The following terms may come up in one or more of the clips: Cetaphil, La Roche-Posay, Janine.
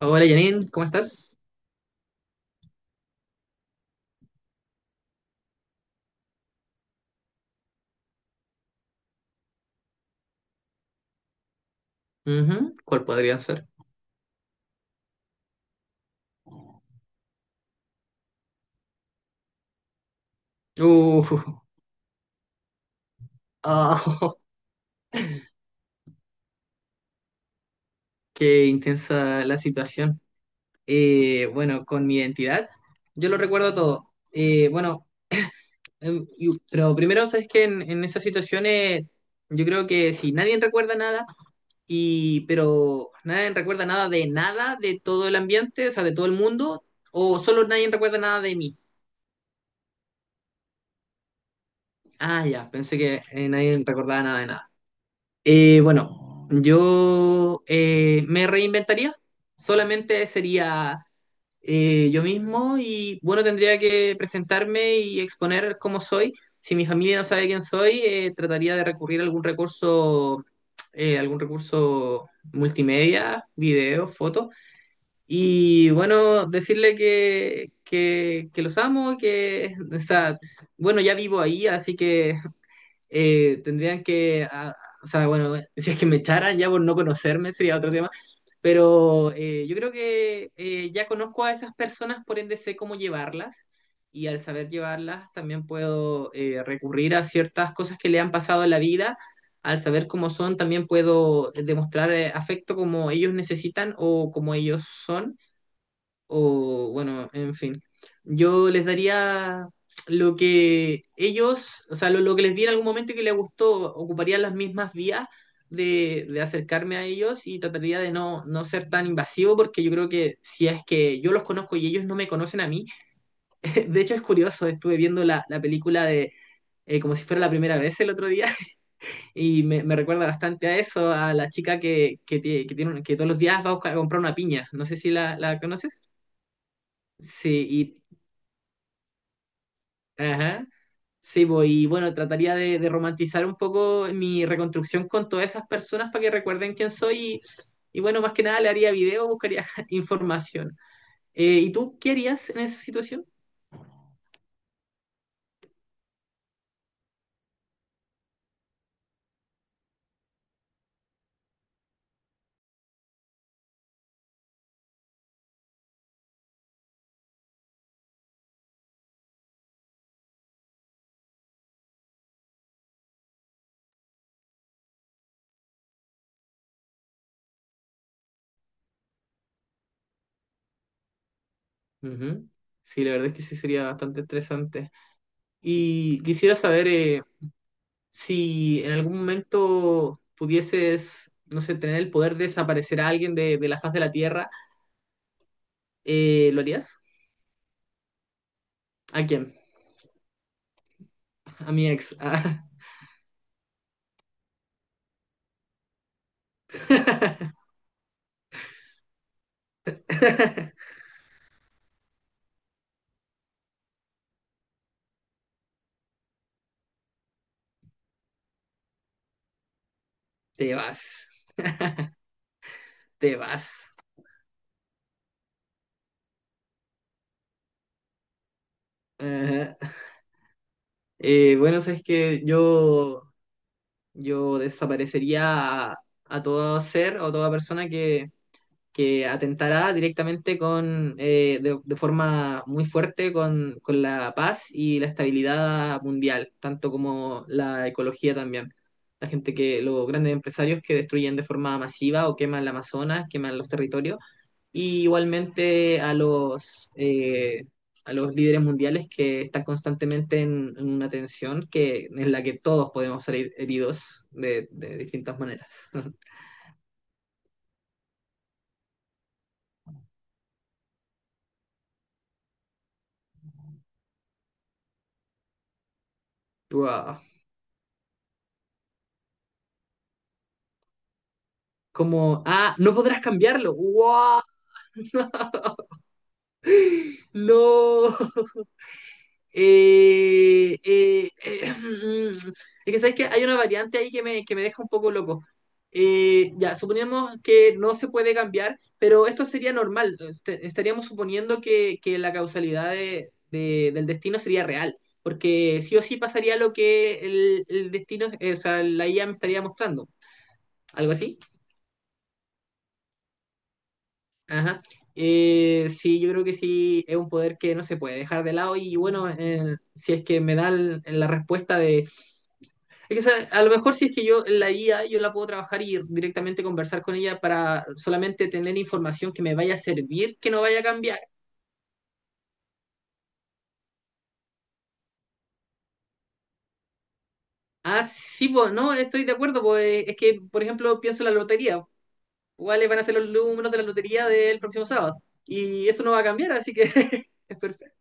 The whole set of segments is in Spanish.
Hola Janine, ¿cómo estás? Ujú, ¿cuál podría ser? Uh, ah, qué intensa la situación. Bueno, con mi identidad, yo lo recuerdo todo. Pero primero, sabes que en esas situaciones, yo creo que si nadie recuerda nada, pero nadie recuerda nada de nada, de todo el ambiente, o sea, de todo el mundo, o solo nadie recuerda nada de mí. Ah, ya, pensé que nadie recordaba nada de nada. Bueno, yo me reinventaría, solamente sería yo mismo y bueno, tendría que presentarme y exponer cómo soy. Si mi familia no sabe quién soy, trataría de recurrir a algún recurso, algún recurso multimedia, videos, fotos, y bueno, decirle que los amo, que, o sea, bueno, ya vivo ahí, así que tendrían que, ah, o sea, bueno, si es que me echaran ya por no conocerme sería otro tema, pero yo creo que ya conozco a esas personas, por ende sé cómo llevarlas y al saber llevarlas también puedo recurrir a ciertas cosas que le han pasado en la vida, al saber cómo son también puedo demostrar afecto como ellos necesitan o como ellos son o bueno, en fin. Yo les daría lo que ellos, o sea, lo que les di en algún momento y que les gustó, ocuparía las mismas vías de acercarme a ellos y trataría de no, no ser tan invasivo porque yo creo que si es que yo los conozco y ellos no me conocen a mí, de hecho es curioso, estuve viendo la película de... como si fuera la primera vez el otro día, y me recuerda bastante a eso, a la chica que, que tiene, que todos los días va a a comprar una piña. No sé si la conoces. Sí, ajá. Sí, pues, y bueno, trataría de romantizar un poco mi reconstrucción con todas esas personas para que recuerden quién soy y bueno, más que nada le haría video, buscaría información. ¿Y tú qué harías en esa situación? Ujú. Sí, la verdad es que sí sería bastante estresante. Y quisiera saber si en algún momento pudieses, no sé, tener el poder de desaparecer a alguien de la faz de la Tierra, ¿lo harías? ¿A quién? A mi ex. Te vas. Te vas. Ajá. Bueno, sabes que yo desaparecería a todo ser o toda persona que atentara directamente con, de forma muy fuerte con la paz y la estabilidad mundial, tanto como la ecología también. Los grandes empresarios que destruyen de forma masiva o queman la Amazonas, queman los territorios y igualmente a los líderes mundiales que están constantemente en una tensión que, en la que todos podemos salir heridos de distintas maneras. Wow. Como, ah, no podrás cambiarlo. ¡Wow! ¡No! Eh, eh, eh, es que sabes que hay una variante ahí que que me deja un poco loco. Ya, suponemos que no se puede cambiar, pero esto sería normal. Estaríamos suponiendo que la causalidad del destino sería real, porque sí o sí pasaría lo que el destino, la IA me estaría mostrando. ¿Algo así? Ajá. Sí, yo creo que sí es un poder que no se puede dejar de lado y bueno, si es que me dan la respuesta. Es que, ¿sabes? A lo mejor si es que yo la IA, yo la puedo trabajar y directamente conversar con ella para solamente tener información que me vaya a servir, que no vaya a cambiar. Ah, sí, pues, no, estoy de acuerdo, pues es que, por ejemplo, pienso en la lotería. ¿Cuáles van a ser los números de la lotería del próximo sábado? Y eso no va a cambiar, así que es perfecto.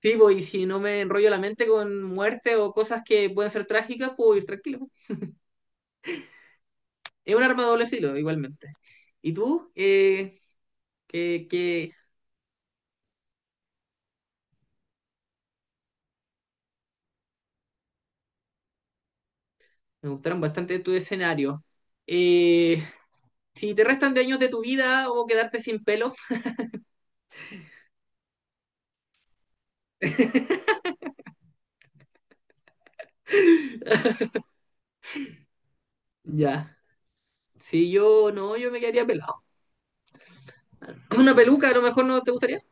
Sí, pues, y si no me enrollo la mente con muerte o cosas que pueden ser trágicas, puedo ir tranquilo. Es un arma de doble filo, igualmente. ¿Y tú? ¿Qué, qué- Me gustaron bastante tus escenarios. Eh, si te restan de años de tu vida o quedarte sin pelo, ya. Si yo no, Yo me quedaría pelado. Una peluca a lo mejor no te gustaría.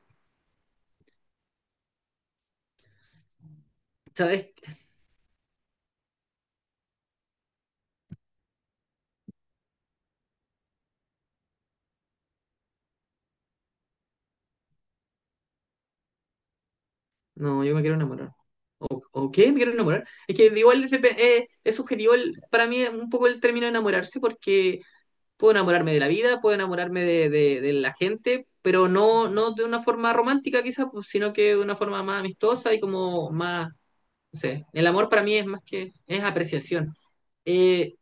¿Sabes? No, yo me quiero enamorar. ¿O qué? Me quiero enamorar. Es que igual es subjetivo para mí un poco el término de enamorarse porque puedo enamorarme de la vida, puedo enamorarme de la gente, pero no, no de una forma romántica quizás, pues, sino que de una forma más amistosa y como más sé, el amor para mí es más que, es apreciación. Eh,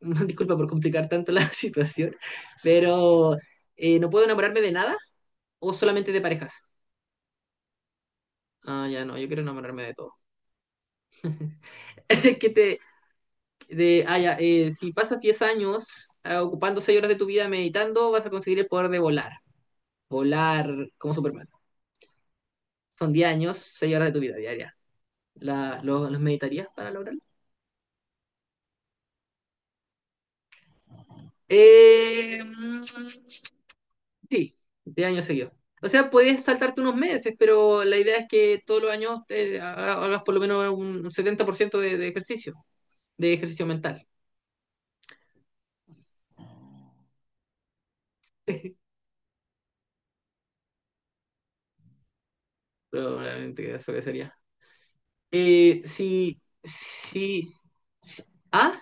disculpa por complicar tanto la situación, pero no puedo enamorarme de nada o solamente de parejas. Ah, ya no, yo quiero enamorarme de todo. ¿Qué te, de, ah, ya, Si pasas 10 años ocupando 6 horas de tu vida meditando, vas a conseguir el poder de volar. Volar como Superman. Son 10 años, 6 horas de tu vida diaria. ¿Los meditarías para lograrlo? Eh, mm, Sí, de años seguidos. O sea, puedes saltarte unos meses, pero la idea es que todos los años hagas por lo menos un 70% de ejercicio mental. Probablemente que eso que sería. Eh, sí, sí, sí. ¿Ah?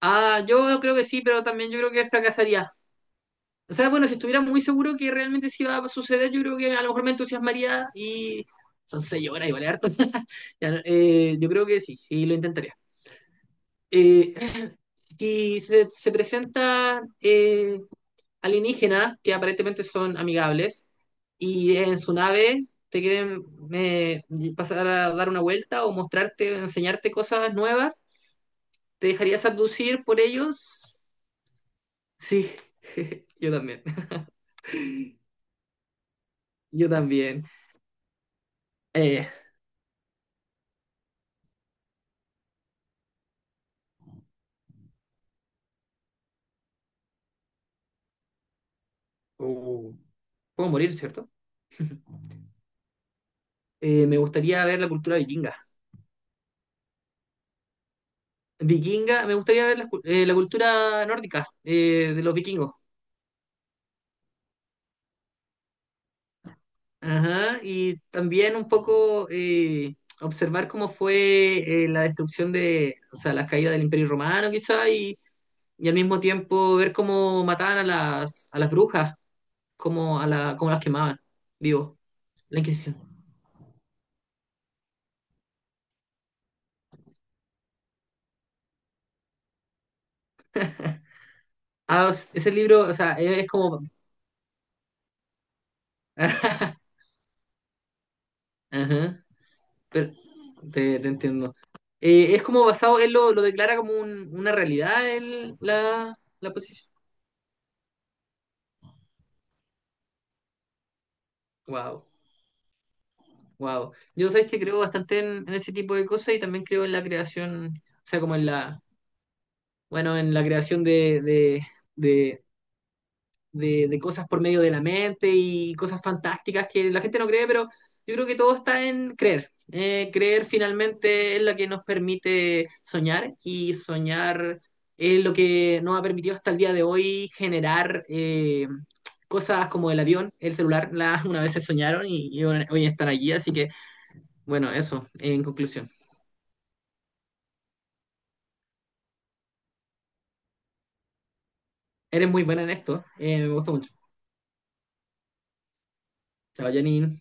Ah, yo creo que sí, pero también yo creo que fracasaría. O sea, bueno, si estuviera muy seguro que realmente sí iba a suceder, yo creo que a lo mejor me entusiasmaría y son seis horas, igual es harto. Ya no, yo creo que sí, sí lo intentaría. Eh, si se presenta alienígenas, que aparentemente son amigables, y en su nave te quieren eh, pasar a dar una vuelta o mostrarte, enseñarte cosas nuevas, ¿te dejarías abducir por ellos? Sí, yo también, yo también. Eh, uh, puedo morir, ¿cierto? Me gustaría ver la cultura vikinga. Vikinga, me gustaría ver la, la cultura nórdica de los vikingos. Ajá, y también un poco observar cómo fue la destrucción de, o sea, la caída del Imperio Romano quizá, y al mismo tiempo ver cómo mataban a a las brujas, cómo, cómo las quemaban, vivo, la Inquisición. Ah, ese libro, o sea, es como... Ajá, pero te entiendo. Es como basado, él lo declara como una realidad, el, la posición. Wow. Wow. Yo sabes que creo bastante en ese tipo de cosas y también creo en la creación, o sea, como en la, bueno, en la creación de, de cosas por medio de la mente y cosas fantásticas que la gente no cree, pero yo creo que todo está en creer. Creer finalmente es lo que nos permite soñar y soñar es lo que nos ha permitido hasta el día de hoy generar cosas como el avión, el celular, una vez se soñaron y hoy están allí, así que... Bueno, eso, en conclusión. Eres muy buena en esto, me gusta mucho. Chao, Janine.